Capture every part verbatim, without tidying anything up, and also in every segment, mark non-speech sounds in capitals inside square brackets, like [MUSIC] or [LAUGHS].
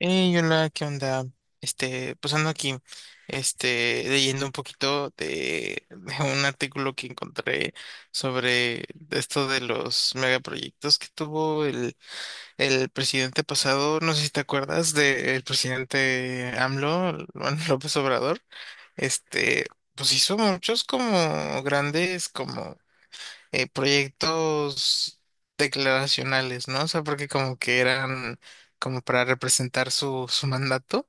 Hey, hola, ¿qué onda? Este, pues ando aquí, este, leyendo un poquito de, [LAUGHS] de un artículo que encontré sobre esto de los megaproyectos que tuvo el, el presidente pasado. No sé si te acuerdas del presidente A M L O, [LAUGHS] Juan López Obrador. Este, pues hizo muchos como grandes, como eh, proyectos declaracionales, ¿no? O sea, porque como que eran como para representar su, su mandato.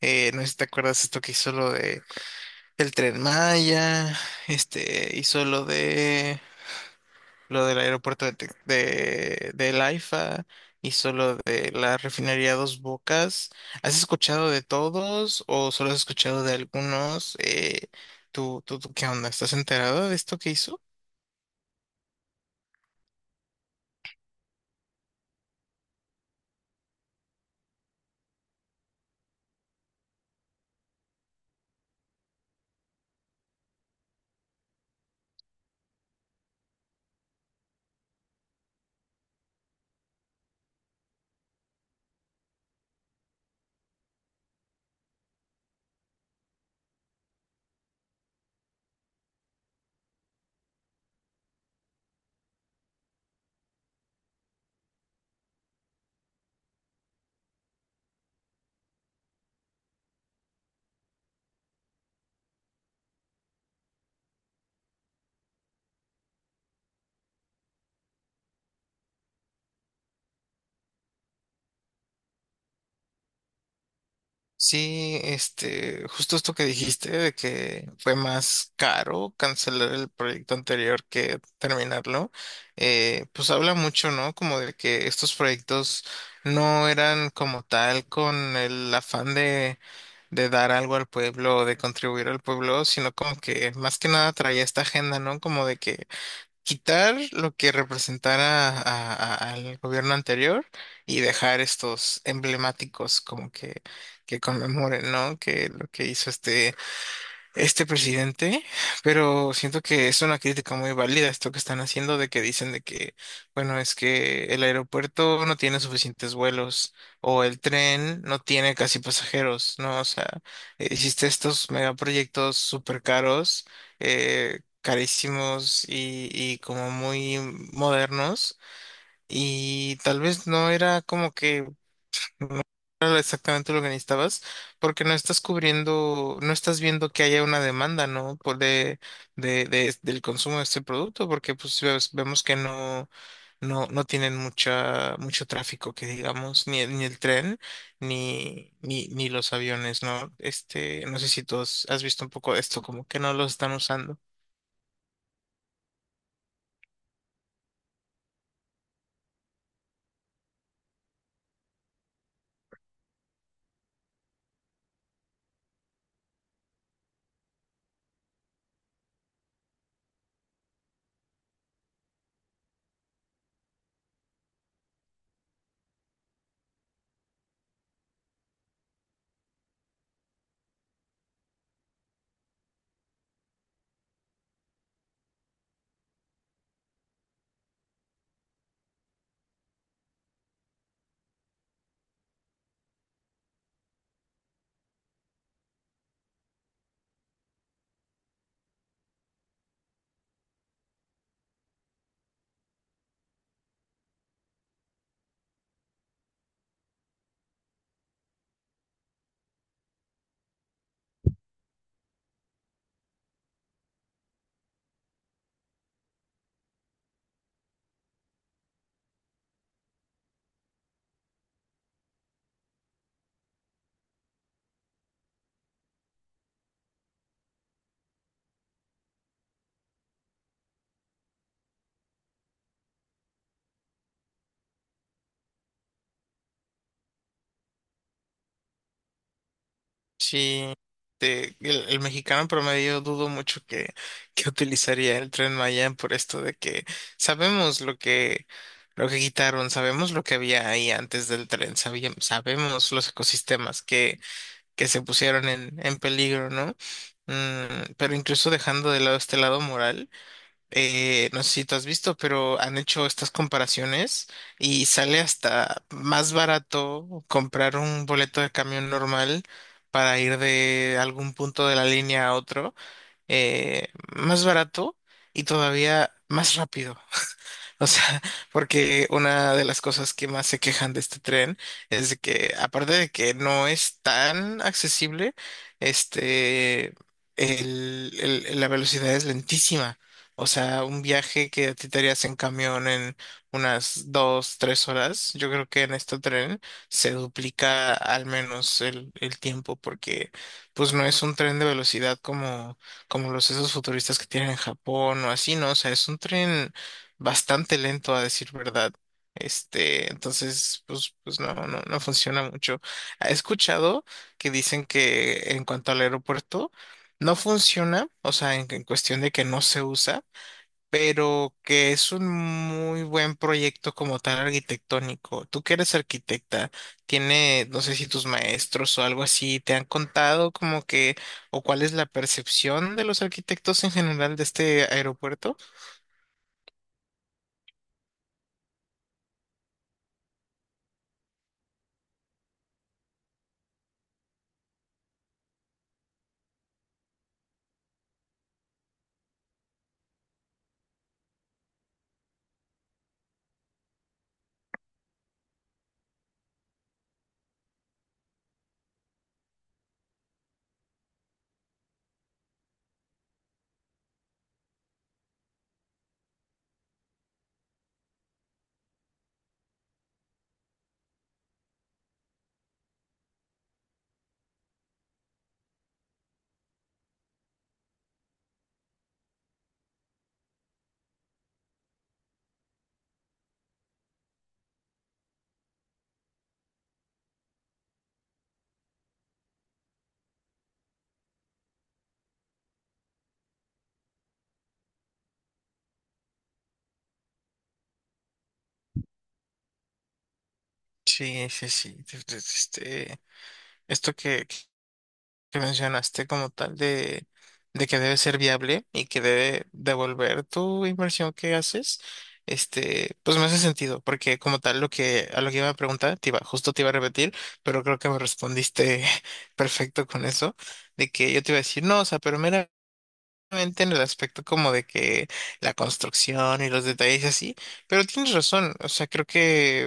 Eh, no sé si te acuerdas esto que hizo lo de el Tren Maya, este, hizo lo de lo del aeropuerto de, Tec- de, del A I F A, hizo lo de la refinería Dos Bocas. ¿Has escuchado de todos o solo has escuchado de algunos? Eh, ¿tú, tú, tú qué onda? ¿Estás enterado de esto que hizo? Sí, este, justo esto que dijiste de que fue más caro cancelar el proyecto anterior que terminarlo, eh, Pues habla mucho, ¿no? Como de que estos proyectos no eran como tal con el afán de, de dar algo al pueblo, de contribuir al pueblo, sino como que más que nada traía esta agenda, ¿no? Como de que quitar lo que representara a- a- al gobierno anterior y dejar estos emblemáticos como que, que conmemoren, ¿no? Que lo que hizo este este presidente, pero siento que es una crítica muy válida esto que están haciendo de que dicen de que, bueno, es que el aeropuerto no tiene suficientes vuelos o el tren no tiene casi pasajeros, ¿no? O sea, eh, hiciste estos megaproyectos súper caros, eh, carísimos y, y como muy modernos y tal vez no era como que era exactamente lo que necesitabas, porque no estás cubriendo, no estás viendo que haya una demanda, ¿no? Por de, de, de- del consumo de este producto, porque pues ves- vemos que no, no, no tienen mucha, mucho tráfico, que digamos, ni, el- ni el tren, ni, ni, ni los aviones, ¿no? Este, no sé si tú has has visto un poco de esto, como que no los están usando. Sí, te- el, el mexicano promedio dudo mucho que, [LAUGHS] que utilizaría el Tren Maya por esto de que sabemos lo que lo que quitaron, sabemos lo que había ahí antes del tren, sabíamos, sabemos los ecosistemas que, que se pusieron en, en peligro, ¿no? Mm, pero incluso dejando de lado este lado moral eh, no sé si tú has visto, pero han hecho estas comparaciones y sale hasta más barato comprar un boleto de camión normal para ir de algún punto de la línea a otro, eh, más barato y todavía más rápido. O sea, [LAUGHS] porque una de las cosas que más se quejan de este tren es de que, aparte de que no es tan accesible, este, el, el- la velocidad es lentísima. O sea, un viaje que a ti te harías en camión en unas dos, tres horas, yo creo que en este tren se duplica al menos el, el tiempo, porque pues no es un tren de velocidad como, como los esos futuristas que tienen en Japón o así, ¿no? O sea, es un tren bastante lento a decir verdad. Este, entonces, pues, pues no, no, no funciona mucho. He escuchado que dicen que en cuanto al aeropuerto no funciona, o sea, en, en cuestión de que no se usa, pero que es un muy buen proyecto como tal arquitectónico. Tú que eres arquitecta, tiene, no sé si tus maestros o algo así te han contado como que, o cuál es la percepción de los arquitectos en general de este aeropuerto. Sí, sí, sí. Este, Esto que, que mencionaste como tal de, de que debe ser viable y que debe devolver tu inversión que haces, este, pues me hace sentido, porque como tal lo que a lo que iba a preguntar, te iba, justo te iba a repetir, pero creo que me respondiste [LAUGHS] perfecto con eso, de que yo te iba a decir, no, o sea, pero meramente en el aspecto como de que la construcción y los detalles y así, pero tienes razón, o sea, creo que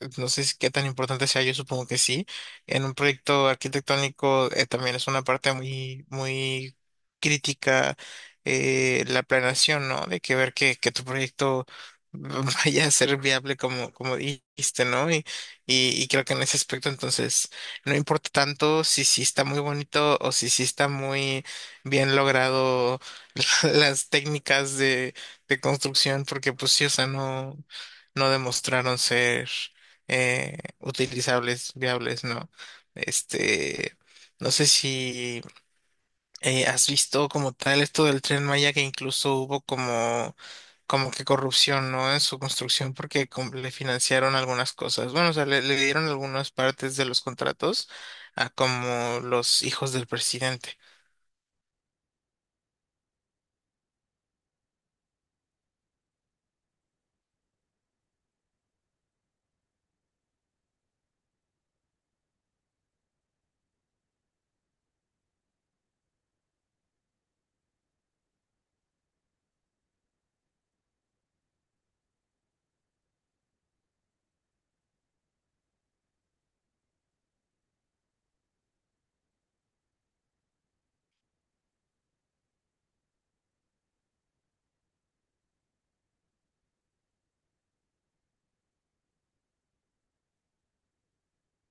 eh, no sé si qué tan importante sea, yo supongo que sí, en un proyecto arquitectónico eh, también es una parte muy, muy crítica eh, la planeación, ¿no? De que ver que, que tu proyecto mm, [LAUGHS] vaya a ser viable como, como dijiste, ¿no? Y, y, y creo que en ese aspecto entonces no importa tanto si sí está muy bonito o si sí está muy bien logrado [LAUGHS] las técnicas de, de construcción, porque pues sí, o sea, no, no demostraron ser eh, utilizables, viables, ¿no? Este, no sé si eh, has visto como tal esto del Tren Maya, que incluso hubo como, como que corrupción, ¿no? En su construcción, porque com- le financiaron algunas cosas. Bueno, o sea, le, le dieron algunas partes de los contratos a como los hijos del presidente.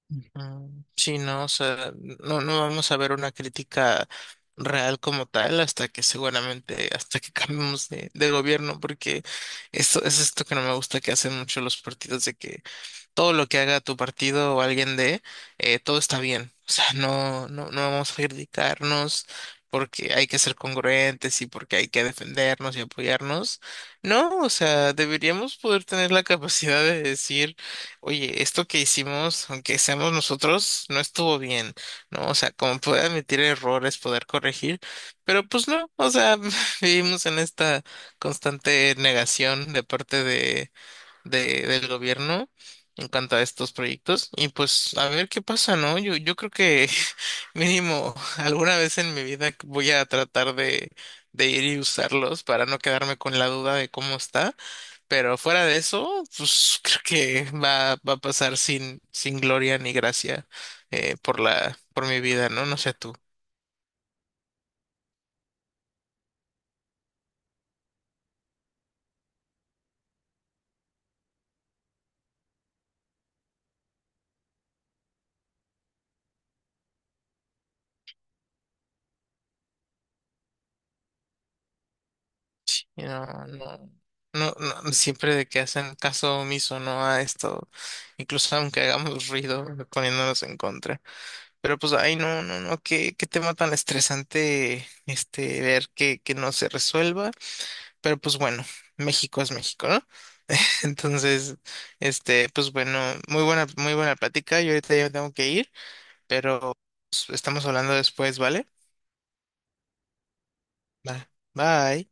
Ujú. Sí, no, o sea, no, no vamos a ver una crítica real como tal hasta que seguramente, hasta que [LAUGHS] cambiemos de, de gobierno, porque esto es esto que no me gusta que hacen mucho los partidos de que todo lo que haga tu partido o alguien de, eh, todo está bien. O sea, no, no, no vamos a criticarnos porque hay que ser congruentes y porque hay que defendernos y apoyarnos. No, o sea, deberíamos poder tener la capacidad de decir, oye, esto que hicimos, aunque seamos nosotros, no estuvo bien, ¿no? O sea, como poder admitir errores, poder corregir, pero pues no, o sea, [LAUGHS] vivimos en esta constante negación de parte de de, del gobierno en cuanto a estos proyectos. Y pues a ver qué pasa, ¿no? Yo, yo creo que [LAUGHS] mínimo alguna vez en mi vida voy a tratar de, de ir y usarlos para no quedarme con la duda de cómo está. Pero fuera de eso, pues creo que va, va a pasar sin, sin gloria ni gracia eh, por la, por mi vida, ¿no? No sé tú. Y no, no, no, no, siempre de que hacen caso omiso, ¿no? A esto, incluso aunque hagamos ruido [LAUGHS] poniéndonos en contra. Pero pues, ay, no, no, no, qué, qué tema tan estresante, este, ver que, que no se resuelva. Pero pues bueno, México es México, ¿no? [LAUGHS] Entonces, este, pues bueno, muy buena, muy buena plática. Yo ahorita ya tengo que ir, pero pues, estamos hablando después, ¿vale? Va. Bye.